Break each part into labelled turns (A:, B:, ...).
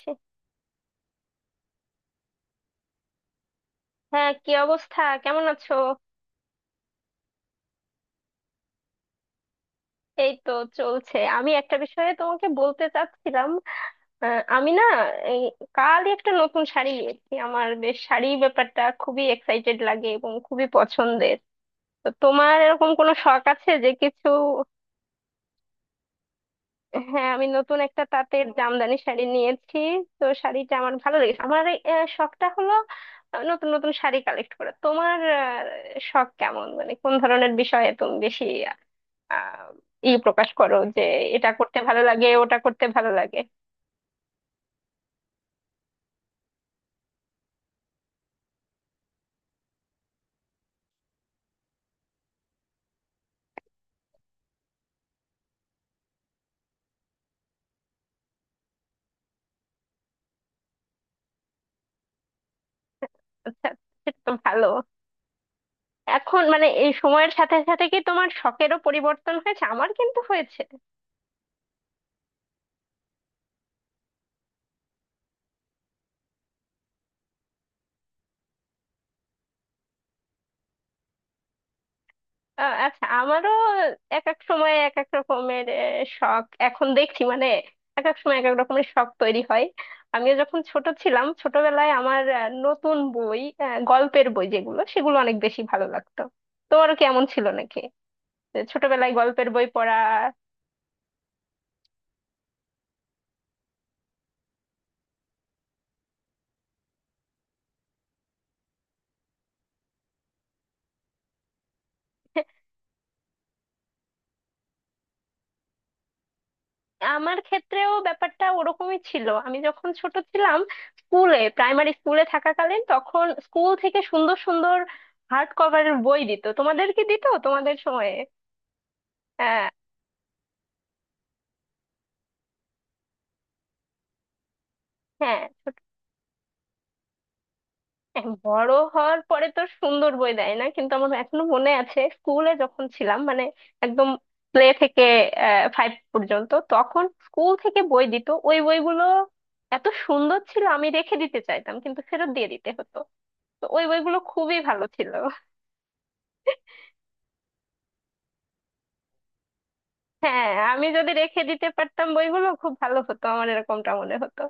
A: ছি, হ্যাঁ কি অবস্থা? কেমন আছো? এই তো চলছে। আমি একটা বিষয়ে তোমাকে বলতে চাচ্ছিলাম। আমি না এই কালই একটা নতুন শাড়ি নিয়েছি। আমার বেশ, শাড়ি ব্যাপারটা খুবই এক্সাইটেড লাগে এবং খুবই পছন্দের। তো তোমার এরকম কোনো শখ আছে যে কিছু? হ্যাঁ, আমি নতুন একটা তাঁতের জামদানি শাড়ি নিয়েছি। তো শাড়িটা আমার ভালো লেগেছে। আমার শখটা হলো নতুন নতুন শাড়ি কালেক্ট করা। তোমার শখ কেমন? মানে কোন ধরনের বিষয়ে তুমি বেশি আহ ই প্রকাশ করো যে এটা করতে ভালো লাগে, ওটা করতে ভালো লাগে? আচ্ছা, সেটা তো ভালো। এখন মানে এই সময়ের সাথে সাথে কি তোমার শখেরও পরিবর্তন হয়েছে? আমার কিন্তু হয়েছে। আচ্ছা, আমারও এক এক সময় এক এক রকমের শখ, এখন দেখছি মানে এক এক সময় এক এক রকমের শখ তৈরি হয়। আমিও যখন ছোট ছিলাম, ছোটবেলায় আমার নতুন বই, গল্পের বই যেগুলো, সেগুলো অনেক বেশি ভালো লাগতো। তোমারও কি এমন ছিল নাকি যে ছোটবেলায় গল্পের বই পড়া? আমার ক্ষেত্রেও ব্যাপারটা ওরকমই ছিল। আমি যখন ছোট ছিলাম স্কুলে, প্রাইমারি স্কুলে থাকাকালীন, তখন স্কুল থেকে সুন্দর সুন্দর হার্ড কভারের বই দিত। তোমাদের কি দিত তোমাদের সময়ে? আহ, হ্যাঁ, হ্যাঁ, বড় হওয়ার পরে তো সুন্দর বই দেয় না, কিন্তু আমার এখনো মনে আছে স্কুলে যখন ছিলাম, মানে একদম প্লে থেকে ফাইভ পর্যন্ত, তখন স্কুল থেকে বই দিত। ওই বইগুলো এত সুন্দর ছিল, আমি রেখে দিতে চাইতাম, কিন্তু ফেরত দিয়ে দিতে হতো। তো ওই বইগুলো খুবই ভালো ছিল। হ্যাঁ, আমি যদি রেখে দিতে পারতাম বইগুলো, খুব ভালো হতো, আমার এরকমটা মনে হতো।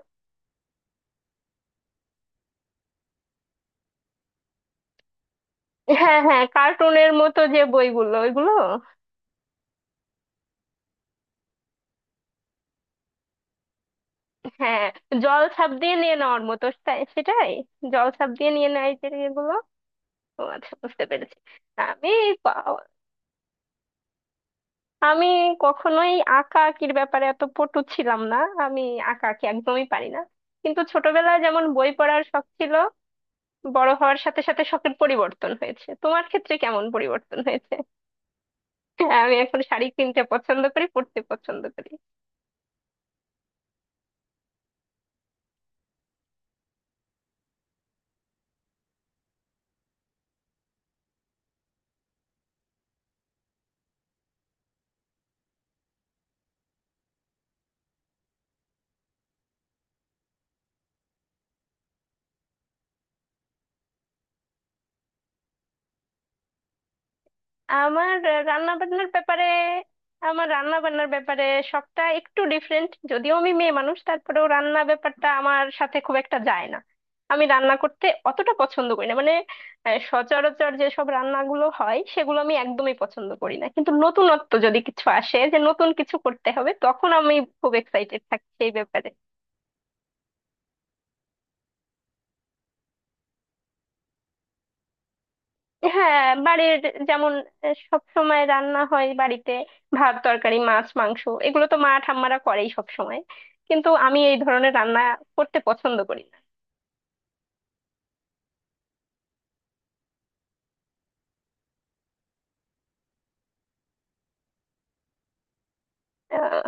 A: হ্যাঁ হ্যাঁ, কার্টুনের মতো যে বইগুলো, ওইগুলো। হ্যাঁ, জল ছাপ দিয়ে নিয়ে নেওয়ার মতো, সেটাই, জল ছাপ দিয়ে নিয়ে নেয় যে এগুলো। ও আচ্ছা, বুঝতে পেরেছি। আমি পা- আমি কখনোই আঁকা আঁকির ব্যাপারে এত পটু ছিলাম না। আমি আঁকা আঁকি একদমই পারি না। কিন্তু ছোটবেলায় যেমন বই পড়ার শখ ছিল, বড় হওয়ার সাথে সাথে শখের পরিবর্তন হয়েছে। তোমার ক্ষেত্রে কেমন পরিবর্তন হয়েছে? হ্যাঁ, আমি এখন শাড়ি কিনতে পছন্দ করি, পরতে পছন্দ করি। আমার রান্না বান্নার ব্যাপারে আমার রান্না বান্নার ব্যাপারে সবটা একটু ডিফারেন্ট। যদিও আমি মেয়ে মানুষ, তারপরেও রান্না ব্যাপারটা আমার সাথে খুব একটা যায় না। আমি রান্না করতে অতটা পছন্দ করি না। মানে সচরাচর যেসব রান্নাগুলো হয় সেগুলো আমি একদমই পছন্দ করি না, কিন্তু নতুনত্ব যদি কিছু আসে যে নতুন কিছু করতে হবে, তখন আমি খুব এক্সাইটেড থাকি সেই ব্যাপারে। হ্যাঁ, বাড়ির যেমন সব সময় রান্না হয় বাড়িতে, ভাত তরকারি মাছ মাংস, এগুলো তো মা ঠাম্মারা করেই সব সময়। কিন্তু আমি এই ধরনের রান্না করতে পছন্দ করি না।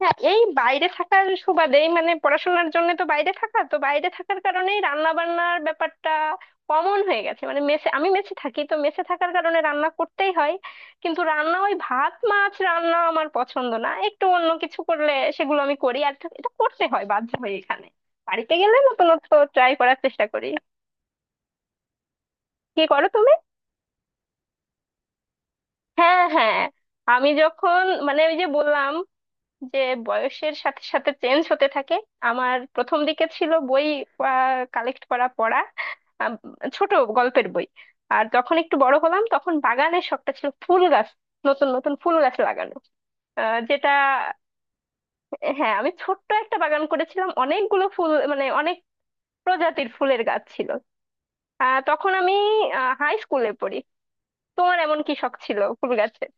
A: হ্যাঁ, এই বাইরে থাকার সুবাদেই মানে পড়াশোনার জন্য তো বাইরে থাকা, তো বাইরে থাকার কারণেই রান্না বান্নার ব্যাপারটা কমন হয়ে গেছে। মানে মেসে, আমি মেসে থাকি, তো মেসে থাকার কারণে রান্না করতেই হয়। কিন্তু রান্না ওই ভাত মাছ রান্না আমার পছন্দ না, একটু অন্য কিছু করলে সেগুলো আমি করি। আর এটা করতে হয় বাধ্য হয়ে এখানে, বাড়িতে গেলে নতুনত্ব ট্রাই করার চেষ্টা করি। কি করো তুমি? হ্যাঁ হ্যাঁ, আমি যখন মানে ওই যে বললাম যে বয়সের সাথে সাথে চেঞ্জ হতে থাকে। আমার প্রথম দিকে ছিল বই কালেক্ট করা, পড়া, আম, ছোট গল্পের বই। আর যখন একটু বড় হলাম তখন বাগানের শখটা ছিল, ফুল গাছ, নতুন নতুন ফুল গাছ লাগানো। যেটা, হ্যাঁ, আমি ছোট্ট একটা বাগান করেছিলাম, অনেকগুলো ফুল, মানে অনেক প্রজাতির ফুলের গাছ ছিল। তখন আমি হাই স্কুলে পড়ি। তোমার এমন কি শখ ছিল ফুল গাছের?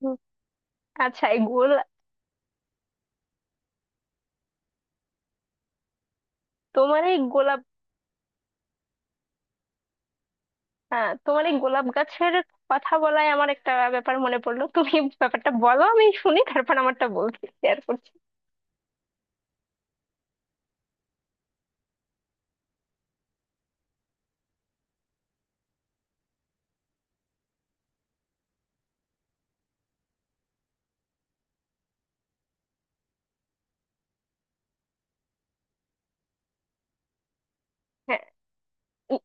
A: হুম। আচ্ছা এই গোল তোমার এই গোলাপ, হ্যাঁ তোমার এই গোলাপ গাছের কথা বলায় আমার একটা ব্যাপার মনে পড়লো। তুমি ব্যাপারটা বলো, আমি শুনি, তারপর আমারটা বলছি, শেয়ার করছি। হ্যাঁ, ই-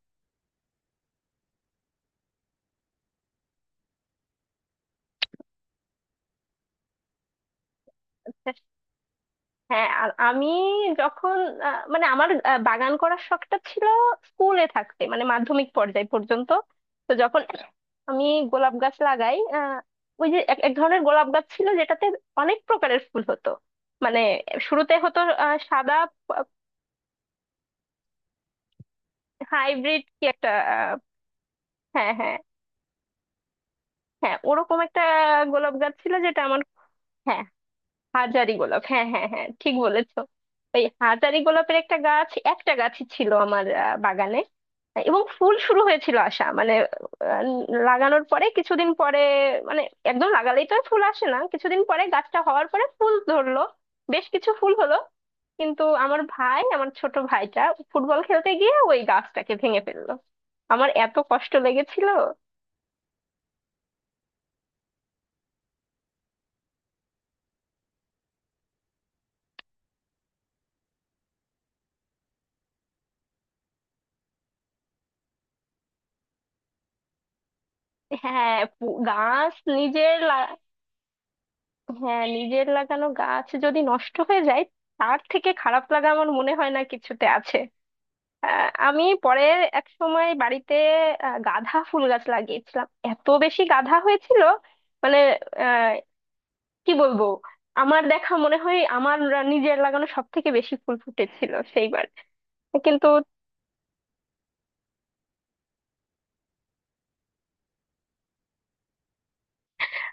A: হ্যাঁ, আর আমি যখন মানে আমার বাগান করার শখটা ছিল স্কুলে থাকতে, মানে মাধ্যমিক পর্যায় পর্যন্ত। তো যখন আমি গোলাপ গাছ লাগাই, ওই যে এক এক ধরনের গোলাপ গাছ ছিল যেটাতে অনেক প্রকারের ফুল হতো। মানে শুরুতে হতো সাদা। হাইব্রিড কি একটা আহ, হ্যাঁ হ্যাঁ হ্যাঁ, ওরকম একটা গোলাপ গাছ ছিল যেটা আমার, হ্যাঁ হাজারি গোলাপ, হ্যাঁ হ্যাঁ হ্যাঁ, ঠিক বলেছো। ওই হাজারি গোলাপের একটা গাছ, একটা গাছই ছিল আমার বাগানে। এবং ফুল শুরু হয়েছিল আসা, মানে আহ, লাগানোর পরে কিছুদিন পরে, মানে একদম লাগালেই তো আর ফুল আসে না, কিছুদিন পরে গাছটা হওয়ার পরে ফুল ধরলো, বেশ কিছু ফুল হলো। কিন্তু আমার ভাই, আমার ছোট ভাইটা ফুটবল খেলতে গিয়ে ওই গাছটাকে ভেঙে ফেললো। আমার এত কষ্ট লেগেছিল। হ্যাঁ পু- গাছ নিজের লা- হ্যাঁ, নিজের লাগানো গাছ যদি নষ্ট হয়ে যায়, তার থেকে খারাপ লাগা আমার মনে হয় না কিছুতে আছে। আমি পরে এক সময় বাড়িতে গাঁদা ফুল গাছ লাগিয়েছিলাম। এত বেশি গাঁদা হয়েছিল মানে, আহ, কি বলবো, আমার দেখা মনে হয় আমার নিজের লাগানো সব থেকে বেশি ফুল ফুটেছিল সেইবার। কিন্তু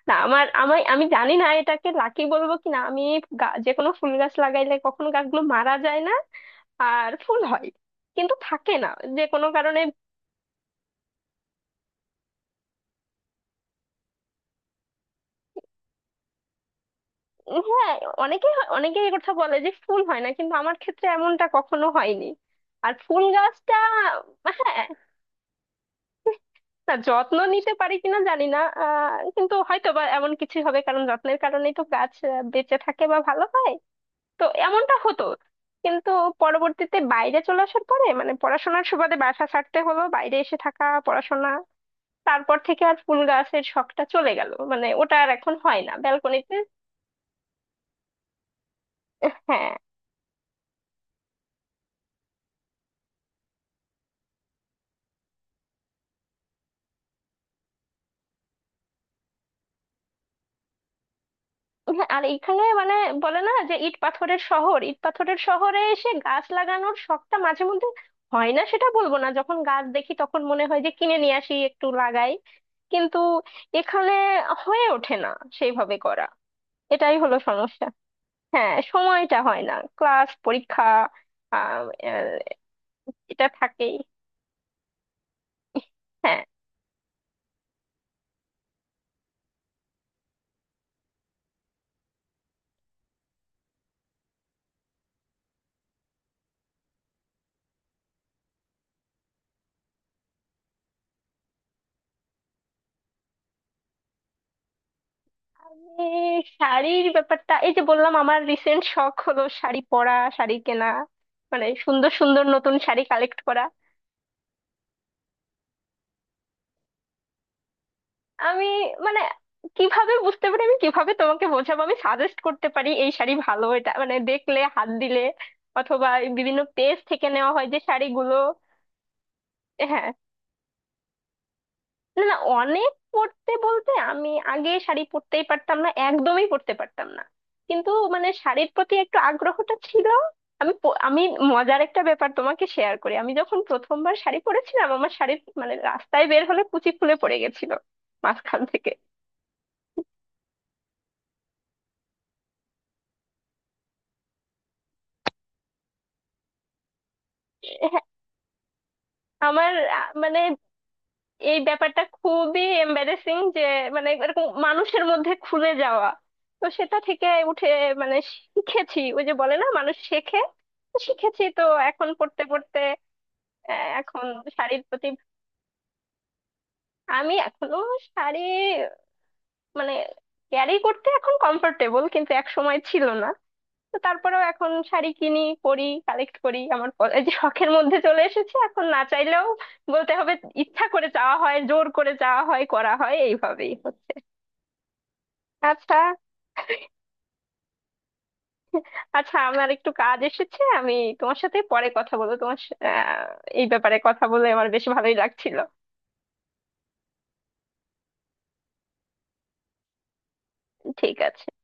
A: না, আমার, আমি আমি জানি না এটাকে লাকি বলবো কিনা, আমি যে কোনো ফুল গাছ লাগাইলে কখনো গাছগুলো মারা যায় না, আর ফুল হয় কিন্তু থাকে না, যে কোনো কারণে। হ্যাঁ, অনেকে অনেকে এই কথা বলে যে ফুল হয় না, কিন্তু আমার ক্ষেত্রে এমনটা কখনো হয়নি। আর ফুল গাছটা, হ্যাঁ, না যত্ন নিতে পারি কিনা জানি না কিন্তু হয়তো বা এমন কিছু হবে, কারণ যত্নের কারণেই তো গাছ বেঁচে থাকে বা ভালো হয়, তো এমনটা হতো। কিন্তু পরবর্তীতে বাইরে চলে আসার পরে, মানে পড়াশোনার সুবাদে বাসা ছাড়তে হলো, বাইরে এসে থাকা, পড়াশোনা, তারপর থেকে আর ফুল গাছের শখটা চলে গেল। মানে ওটা আর এখন হয় না ব্যালকনিতে। হ্যাঁ, হ্যাঁ, আর এখানে মানে বলে না যে ইট পাথরের শহর? ইট পাথরের শহরে এসে গাছ লাগানোর শখটা মাঝে মধ্যে হয় না সেটা বলবো না, যখন গাছ দেখি তখন মনে হয় যে কিনে নিয়ে আসি একটু লাগাই, কিন্তু এখানে হয়ে ওঠে না সেইভাবে করা। এটাই হলো সমস্যা। হ্যাঁ, সময়টা হয় না, ক্লাস পরীক্ষা আহ, আহ, এটা থাকেই। হ্যাঁ, এ, শাড়ির ব্যাপারটা এই যে বললাম, আমার রিসেন্ট শখ হলো শাড়ি পরা, শাড়ি কেনা, মানে সুন্দর সুন্দর নতুন শাড়ি কালেক্ট করা। আমি মানে কিভাবে বুঝতে পারি, আমি কিভাবে তোমাকে বোঝাবো, আমি সাজেস্ট করতে পারি এই শাড়ি ভালো, এটা মানে দেখলে, হাত দিলে, অথবা এই বিভিন্ন পেজ থেকে নেওয়া হয় যে শাড়িগুলো। হ্যাঁ, না না, অনেক পড়তে বলতে, আমি আগে শাড়ি পরতেই পারতাম না, একদমই পরতে পারতাম না। কিন্তু মানে শাড়ির প্রতি একটু আগ্রহটা ছিল। আমি মজার একটা ব্যাপার তোমাকে শেয়ার করি। আমি যখন প্রথমবার শাড়ি পরেছিলাম, আমার শাড়ির মানে রাস্তায় বের হলে কুচি খুলে পড়ে গেছিল মাঝখান থেকে। হ্যাঁ, আমার মানে এই ব্যাপারটা খুবই এম্বারেসিং যে মানে এরকম মানুষের মধ্যে খুলে যাওয়া। তো সেটা থেকে উঠে মানে শিখেছি, ওই যে বলে না মানুষ শেখে, তো শিখেছি তো, এখন পড়তে পড়তে এখন শাড়ির প্রতি, আমি এখনো শাড়ি মানে ক্যারি করতে এখন কমফোর্টেবল, কিন্তু এক সময় ছিল না। তো তারপরেও এখন শাড়ি কিনি, পরি, কালেক্ট করি। এই যে শখের মধ্যে চলে এসেছে, এখন না চাইলেও বলতে হবে ইচ্ছা করে চাওয়া হয়, জোর করে চাওয়া হয়, করা হয় এইভাবেই। আচ্ছা, আচ্ছা আমার একটু কাজ এসেছে, আমি তোমার সাথে পরে কথা বলবো। এই ব্যাপারে কথা বলে আমার বেশ ভালোই লাগছিল। ঠিক আছে।